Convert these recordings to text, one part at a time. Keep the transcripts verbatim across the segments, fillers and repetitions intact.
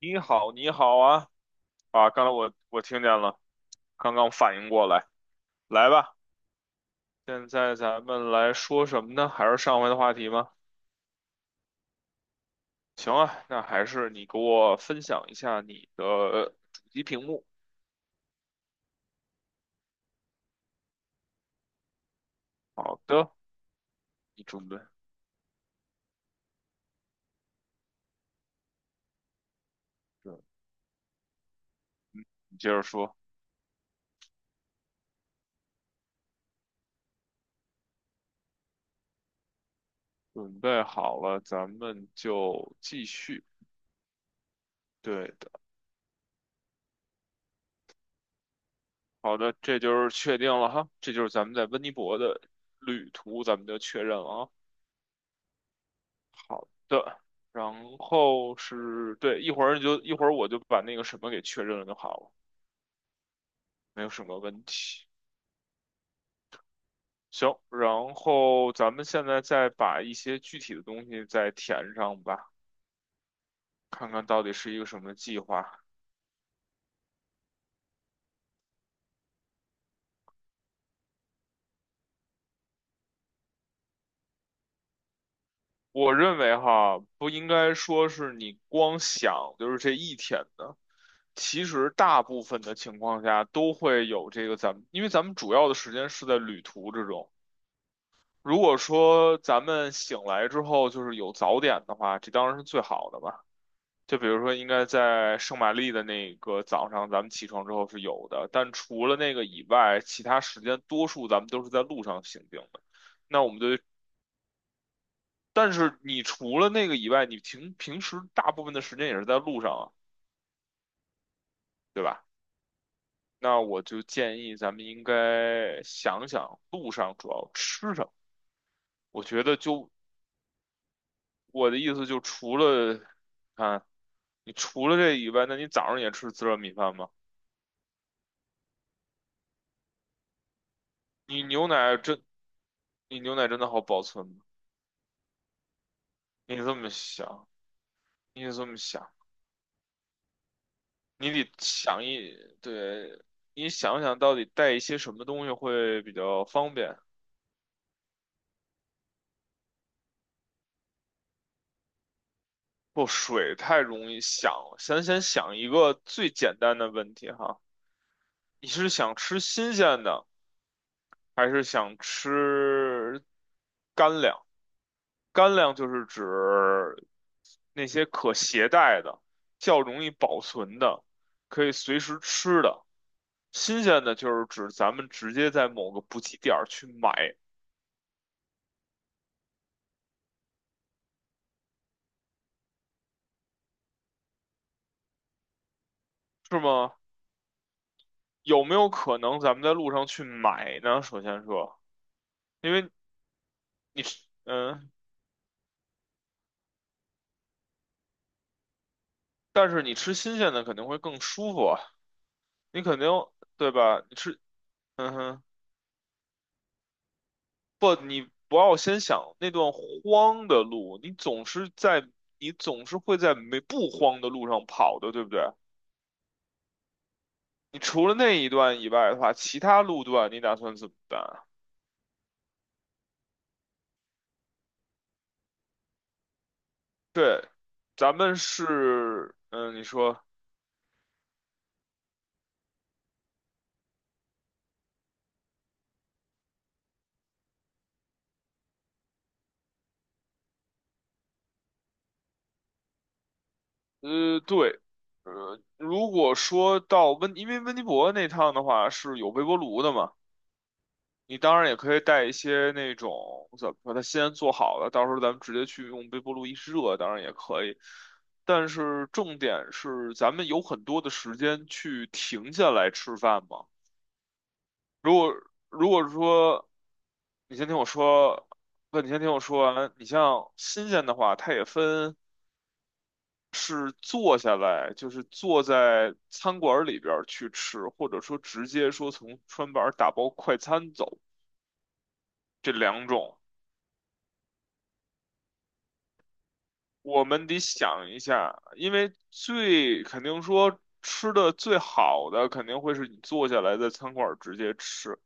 你好，你好啊！啊，刚才我我听见了，刚刚反应过来。来吧，现在咱们来说什么呢？还是上回的话题吗？行啊，那还是你给我分享一下你的主机屏幕。好的，你准备，对，你接着说。准备好了，咱们就继续。对的，好的，这就是确定了哈，这就是咱们在温尼伯的旅途，咱们就确认了啊。的，然后是对，一会儿你就一会儿我就把那个什么给确认了就好了，没有什么问题。行，然后咱们现在再把一些具体的东西再填上吧，看看到底是一个什么计划。我认为哈，不应该说是你光想就是这一天的，其实大部分的情况下都会有这个咱们，因为咱们主要的时间是在旅途之中。如果说咱们醒来之后就是有早点的话，这当然是最好的吧。就比如说，应该在圣玛丽的那个早上，咱们起床之后是有的，但除了那个以外，其他时间多数咱们都是在路上行进的。那我们对，但是你除了那个以外，你平平时大部分的时间也是在路上啊，对吧？那我就建议咱们应该想想路上主要吃什么。我觉得就我的意思就除了，看，你除了这以外，那你早上也吃自热米饭吗？你牛奶真，你牛奶真的好保存吗？你这么想，你得这么想，你得想一，对，你想想到底带一些什么东西会比较方便？不，水太容易想了，先先想一个最简单的问题哈，你是想吃新鲜的，还是想吃干粮？干粮就是指那些可携带的、较容易保存的、可以随时吃的。新鲜的就是指咱们直接在某个补给点儿去买，是吗？有没有可能咱们在路上去买呢？首先说，因为你吃，嗯，但是你吃新鲜的肯定会更舒服啊，你肯定，对吧？你吃，嗯哼。不，你不要先想那段荒的路，你总是在，你总是会在没不荒的路上跑的，对不对？你除了那一段以外的话，其他路段你打算怎么办啊？对，咱们是，嗯，你说，呃，对，呃，如果说到温，因为温尼伯那趟的话是有微波炉的嘛。你当然也可以带一些那种怎么说，它先做好了，到时候咱们直接去用微波炉一热，当然也可以。但是重点是，咱们有很多的时间去停下来吃饭嘛。如果如果说你先听我说，不，你先听我说完。你像新鲜的话，它也分是坐下来，就是坐在餐馆里边儿去吃，或者说直接说从餐板儿打包快餐走这两种。我们得想一下，因为最肯定说吃的最好的肯定会是你坐下来在餐馆儿直接吃。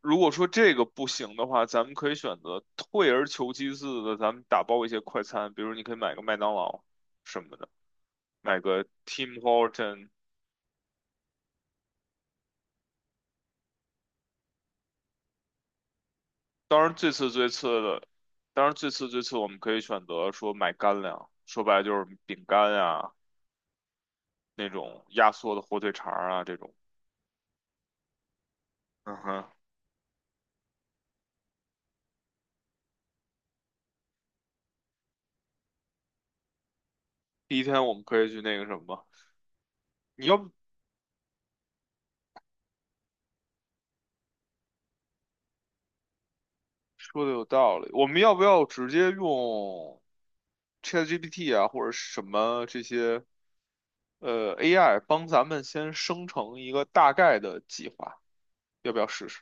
如果说这个不行的话，咱们可以选择退而求其次的，咱们打包一些快餐，比如你可以买个麦当劳什么的，买个 Tim Horton。当然最次最次的，当然最次最次我们可以选择说买干粮，说白了就是饼干啊，那种压缩的火腿肠儿啊这种。嗯哼，第一天我们可以去那个什么。你要说的有道理，我们要不要直接用 ChatGPT 啊，或者什么这些呃 A I 帮咱们先生成一个大概的计划？要不要试试？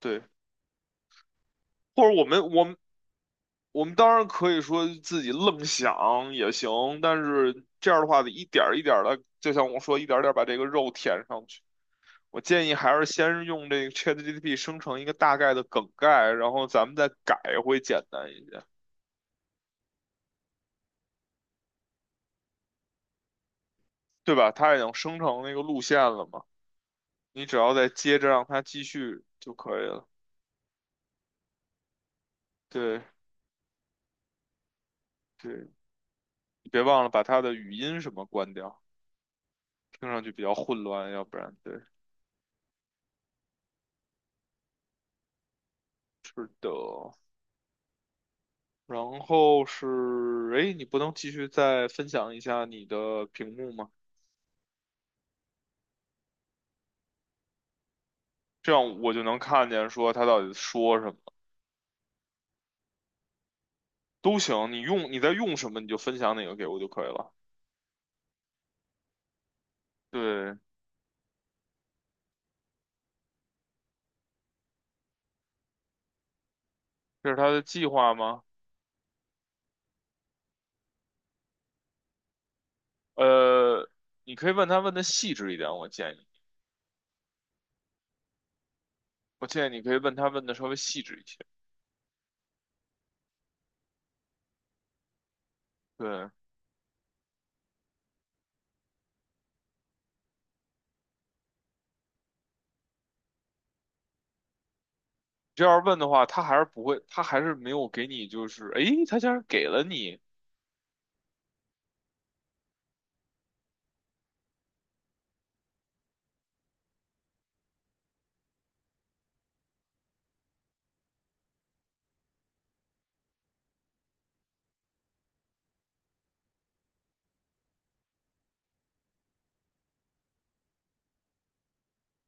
对，或者我们我们我们当然可以说自己愣想也行，但是这样的话得一点儿一点的，就像我说，一点儿点儿把这个肉填上去。我建议还是先用这个 ChatGPT 生成一个大概的梗概，然后咱们再改会简单一些。对吧？它已经生成那个路线了嘛，你只要再接着让它继续就可以了。对对，你别忘了把它的语音什么关掉，听上去比较混乱，要不然对，是的。然后是，哎，你不能继续再分享一下你的屏幕吗？这样我就能看见说他到底说什么都行，你用你在用什么你就分享哪个给我就可以了。对，这是他的计划吗？呃，你可以问他问的细致一点，我建议。我建议你可以问他问的稍微细致一些。对，你这样问的话，他还是不会，他还是没有给你，就是诶，他竟然给了你，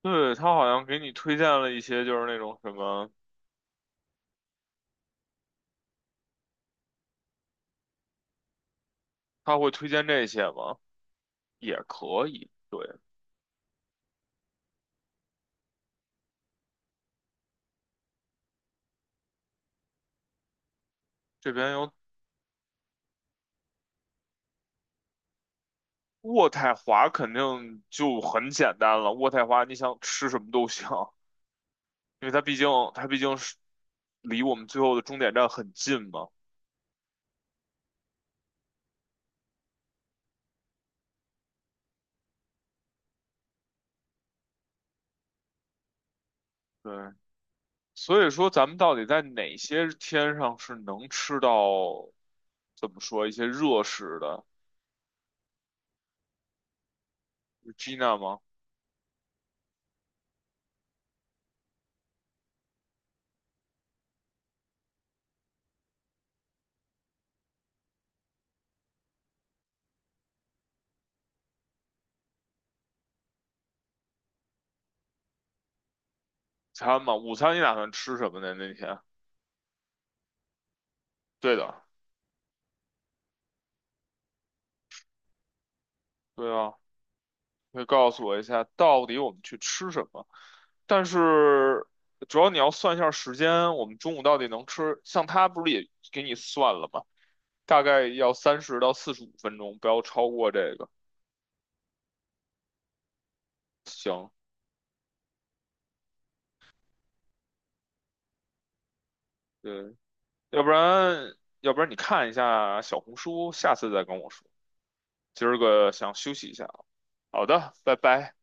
对，他好像给你推荐了一些，就是那种什么，他会推荐这些吗？也可以。对，这边有渥太华，肯定就很简单了。渥太华，你想吃什么都行，因为它毕竟它毕竟是离我们最后的终点站很近嘛。对，所以说，咱们到底在哪些天上是能吃到，怎么说一些热食的是？Gina 吗？餐吗？午餐你打算吃什么呢？那天？对的，对啊，可以告诉我一下，到底我们去吃什么？但是主要你要算一下时间，我们中午到底能吃？像他不是也给你算了吗？大概要三十到四十五分钟，不要超过这个。行，对，要不然要不然你看一下小红书，下次再跟我说。今儿个想休息一下啊。好的，拜拜。